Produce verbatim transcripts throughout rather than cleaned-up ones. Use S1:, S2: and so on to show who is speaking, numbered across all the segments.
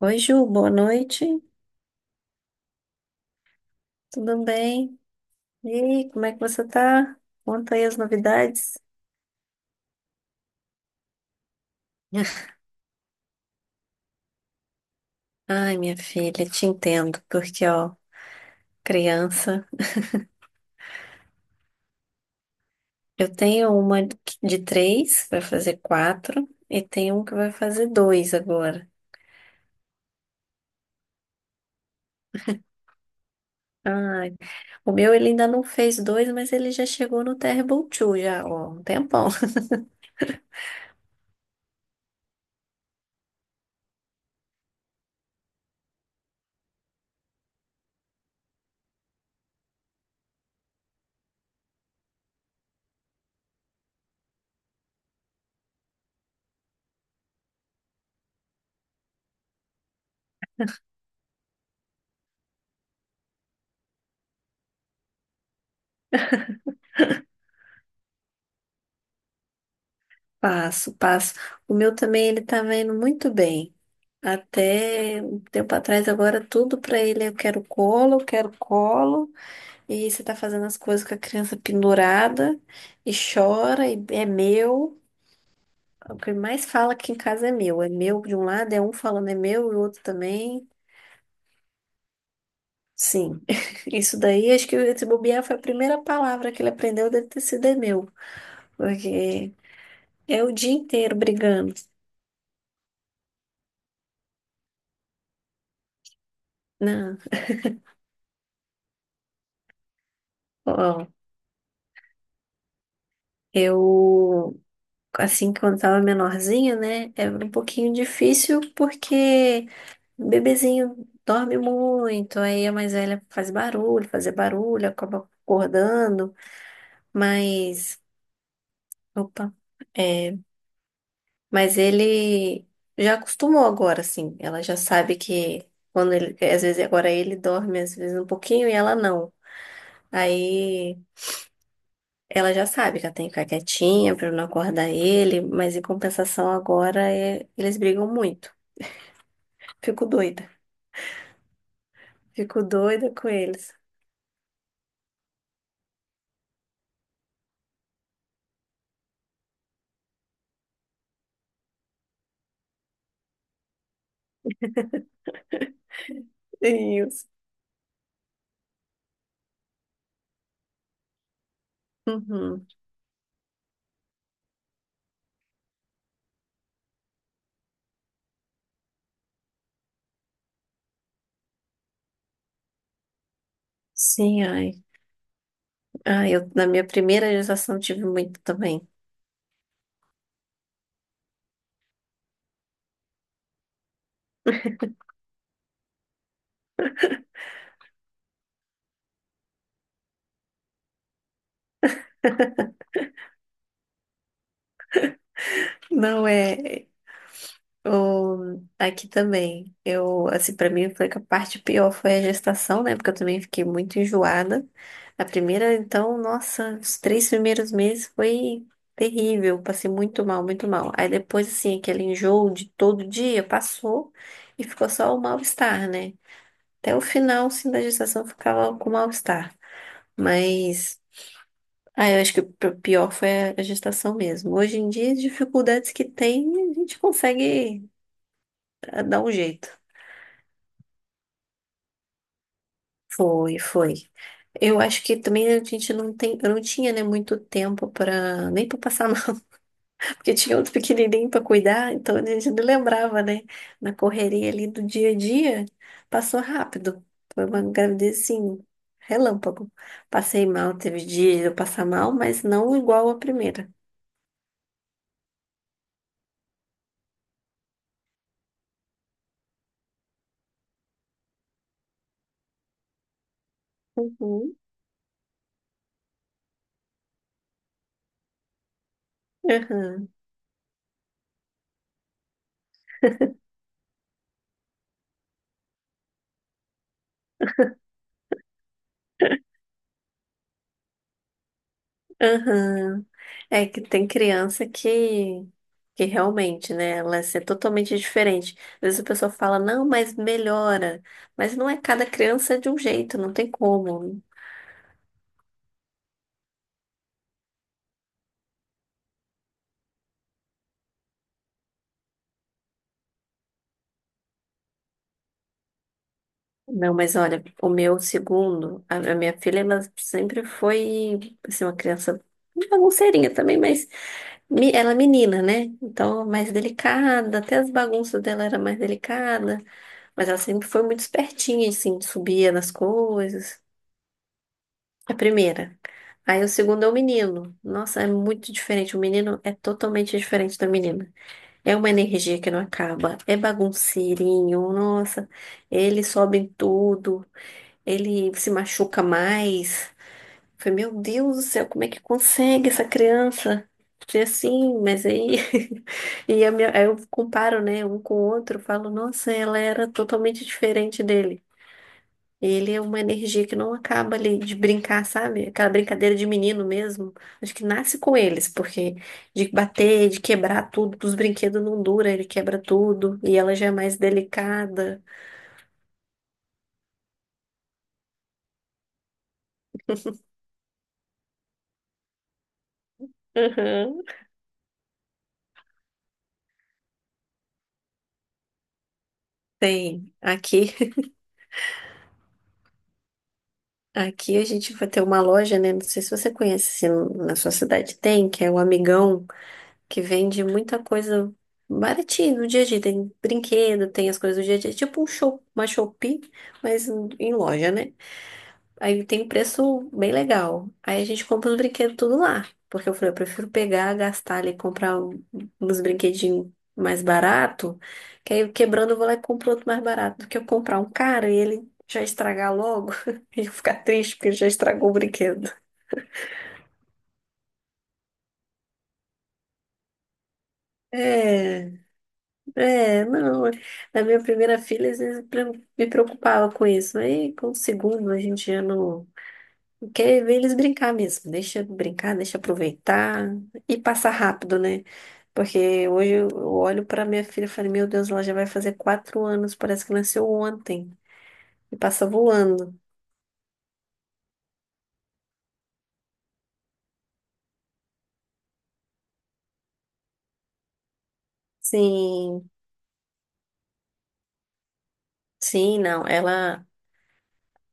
S1: Oi, Ju, boa noite. Tudo bem? E aí, como é que você tá? Conta aí as novidades. Ai, minha filha, te entendo, porque, ó, criança, eu tenho uma de três, vai fazer quatro, e tem um que vai fazer dois agora. Ai, o meu ele ainda não fez dois, mas ele já chegou no Terrible Two, já, ó, um tempão. Passo, passo. O meu também, ele tá indo muito bem. Até um tempo atrás, agora tudo pra ele, eu quero colo, eu quero colo. E você tá fazendo as coisas com a criança pendurada e chora e é meu. O que ele mais fala aqui em casa é meu. É meu de um lado, é um falando é meu e o outro também. Sim. Isso daí, acho que esse bobear foi a primeira palavra que ele aprendeu, deve ter sido é meu. Porque é o dia inteiro brigando. Não, ó, eu assim, quando tava menorzinho, né? Era um pouquinho difícil porque o bebezinho dorme muito, aí a mais velha faz barulho, fazer barulho, acaba acordando, mas, opa, é, mas ele já acostumou agora, assim, ela já sabe que quando ele, às vezes agora ele dorme, às vezes um pouquinho e ela não. Aí ela já sabe que ela tem que ficar quietinha pra não acordar ele, mas em compensação agora é- eles brigam muito. Fico doida. Fico doida com eles. É isso. Uhum. Sim, ai. Ai, eu na minha primeira gestação tive muito também. Não é. O, aqui também. Eu, assim, pra mim foi que a parte pior foi a gestação, né? Porque eu também fiquei muito enjoada. A primeira, então, nossa, os três primeiros meses foi terrível. Passei muito mal, muito mal. Aí depois, assim, aquele enjoo de todo dia passou e ficou só o mal-estar, né? Até o final, sim, da gestação ficava com mal-estar. Mas, ah, eu acho que o pior foi a gestação mesmo. Hoje em dia, as dificuldades que tem, a gente consegue ah, dar um jeito. Foi, foi. Eu acho que também a gente não tem, eu não tinha, né, muito tempo para nem para passar. Porque tinha outro pequenininho para cuidar, então a gente não lembrava, né? Na correria ali do dia a dia, passou rápido. Foi uma gravidez, assim, relâmpago. Passei mal, teve dia de eu passar mal, mas não igual a primeira. Uhum, aham, aham. É que tem criança que, que realmente, né? Ela é totalmente diferente. Às vezes a pessoa fala, não, mas melhora. Mas não é, cada criança é de um jeito, não tem como. Não, mas olha, o meu segundo, a a minha filha, ela sempre foi, assim, uma criança bagunceirinha também, mas me- ela é menina, né? Então, mais delicada, até as bagunças dela era mais delicada, mas ela sempre foi muito espertinha, assim, subia nas coisas. A primeira. Aí o segundo é o menino. Nossa, é muito diferente. O menino é totalmente diferente da menina. É uma energia que não acaba, é bagunceirinho, nossa, ele sobe em tudo. Ele se machuca mais. Falei, meu Deus do céu, como é que consegue essa criança ser assim? Mas aí, e a minha- aí eu comparo, né, um com o outro, falo, nossa, ela era totalmente diferente dele. Ele é uma energia que não acaba ali de brincar, sabe? Aquela brincadeira de menino mesmo. Acho que nasce com eles, porque de bater, de quebrar tudo, dos brinquedos não dura, ele quebra tudo, e ela já é mais delicada. Uhum. Tem. Aqui Aqui a gente vai ter uma loja, né? Não sei se você conhece, se na sua cidade tem, que é o Amigão, que vende muita coisa baratinha no dia a dia. Tem brinquedo, tem as coisas do dia a dia. Tipo um show, uma Shopee, mas em loja, né? Aí tem um preço bem legal. Aí a gente compra os brinquedos tudo lá. Porque eu falei, eu prefiro pegar, gastar ali, comprar um- uns brinquedinhos mais barato, que aí quebrando eu vou lá e compro outro mais barato, do que eu comprar um caro e ele já estragar logo e eu ficar triste porque já estragou o brinquedo. É, é, não. Na minha primeira filha, às vezes eu pre- me preocupava com isso. Aí com o segundo a gente já não. Quer ver eles brincar mesmo. Deixa brincar, deixa aproveitar e passar rápido, né? Porque hoje eu eu olho pra minha filha e falo, meu Deus, ela já vai fazer quatro anos, parece que nasceu ontem e passa voando. Sim, sim, não. Ela,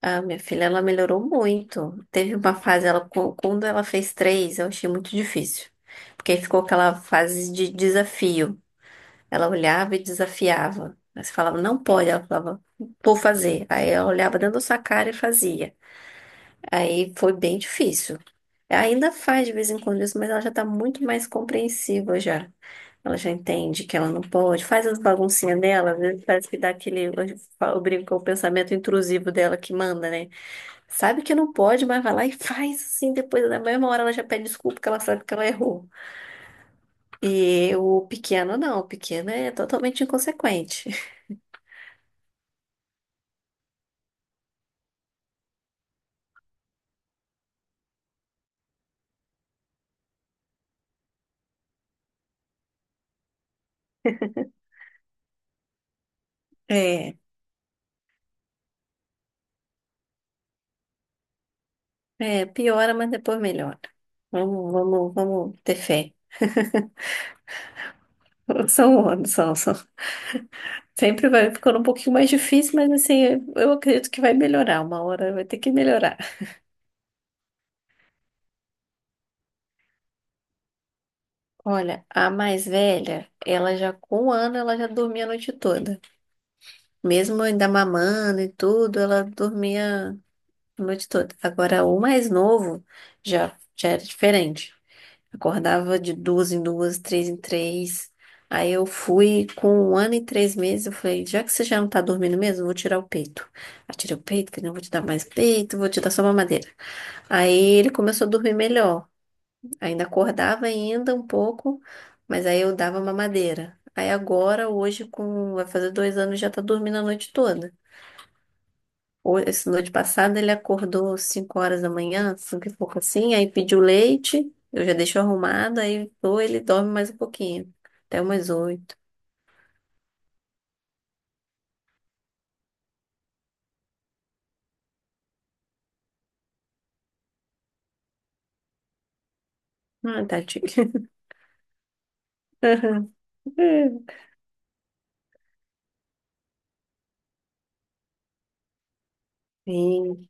S1: a minha filha, ela melhorou muito. Teve uma fase, ela, qu- quando ela fez três, eu achei muito difícil. Porque aí ficou aquela fase de desafio. Ela olhava e desafiava. Aí você falava, não pode. Ela falava, vou fazer. Aí ela olhava dentro da sua cara e fazia. Aí foi bem difícil. Ainda faz de vez em quando isso, mas ela já tá muito mais compreensiva já. Ela já entende que ela não pode. Faz as baguncinhas dela, às vezes parece que dá aquele. Eu brinco com o pensamento intrusivo dela que manda, né? Sabe que não pode, mas vai lá e faz assim. Depois, na mesma hora, ela já pede desculpa porque ela sabe que ela errou. E o pequeno, não. O pequeno é totalmente inconsequente. É. É, piora, mas depois melhora. Vamos, vamos, vamos ter fé. São anos, são, são. Sempre vai ficando um pouquinho mais difícil, mas assim, eu acredito que vai melhorar. Uma hora vai ter que melhorar. Olha, a mais velha, ela já com um ano, ela já dormia a noite toda. Mesmo ainda mamando e tudo, ela dormia a noite toda. Agora, o mais novo já, já era diferente. Acordava de duas em duas, três em três. Aí eu fui com um ano e três meses. Eu falei, já que você já não tá dormindo mesmo, eu vou tirar o peito. Aí tirei o peito, que não vou te dar mais peito, vou te dar só mamadeira. Aí ele começou a dormir melhor. Ainda acordava ainda um pouco, mas aí eu dava mamadeira. Aí agora, hoje, com vai fazer dois anos, já tá dormindo a noite toda. Ho- Esse noite passada ele acordou cinco horas da manhã, cinco e pouco assim, aí pediu leite, eu já deixo arrumado, aí ou ele dorme mais um pouquinho, até umas oito. Ah, tadinho. Aham. Sim.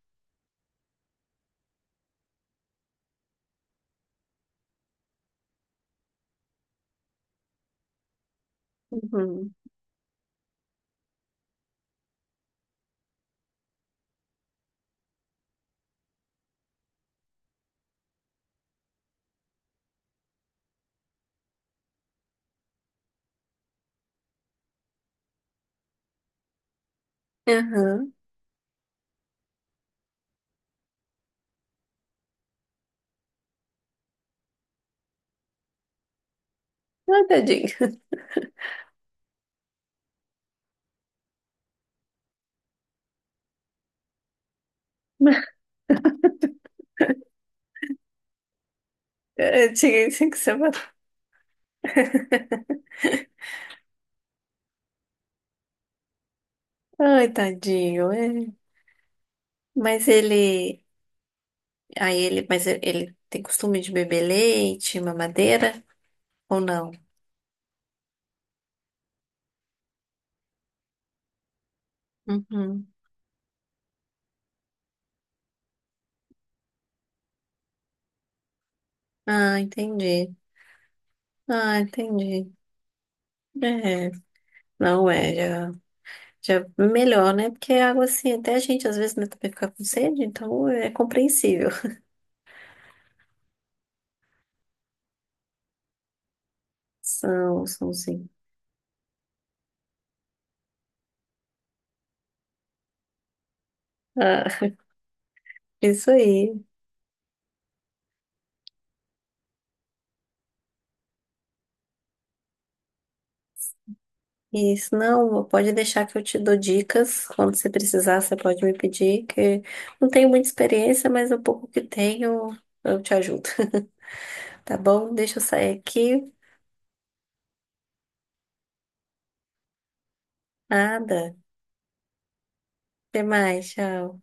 S1: Uhum. Uhum. Ah, tadinho. Eu tinha isso que você falou. Ai, tadinho. É. Mas ele. Aí ele. Mas ele tem costume de beber leite, mamadeira ou não? Uhum. Ah, entendi. Ah, entendi. É. Não é, já. Já é melhor, né? Porque a água, assim, até a gente às vezes né, também fica com sede, então é compreensível. São, são sim. Ah, isso aí. Isso, não, pode deixar que eu te dou dicas. Quando você precisar, você pode me pedir, que não tenho muita experiência, mas o pouco que tenho, eu te ajudo. Tá bom? Deixa eu sair aqui. Nada. Até mais, tchau.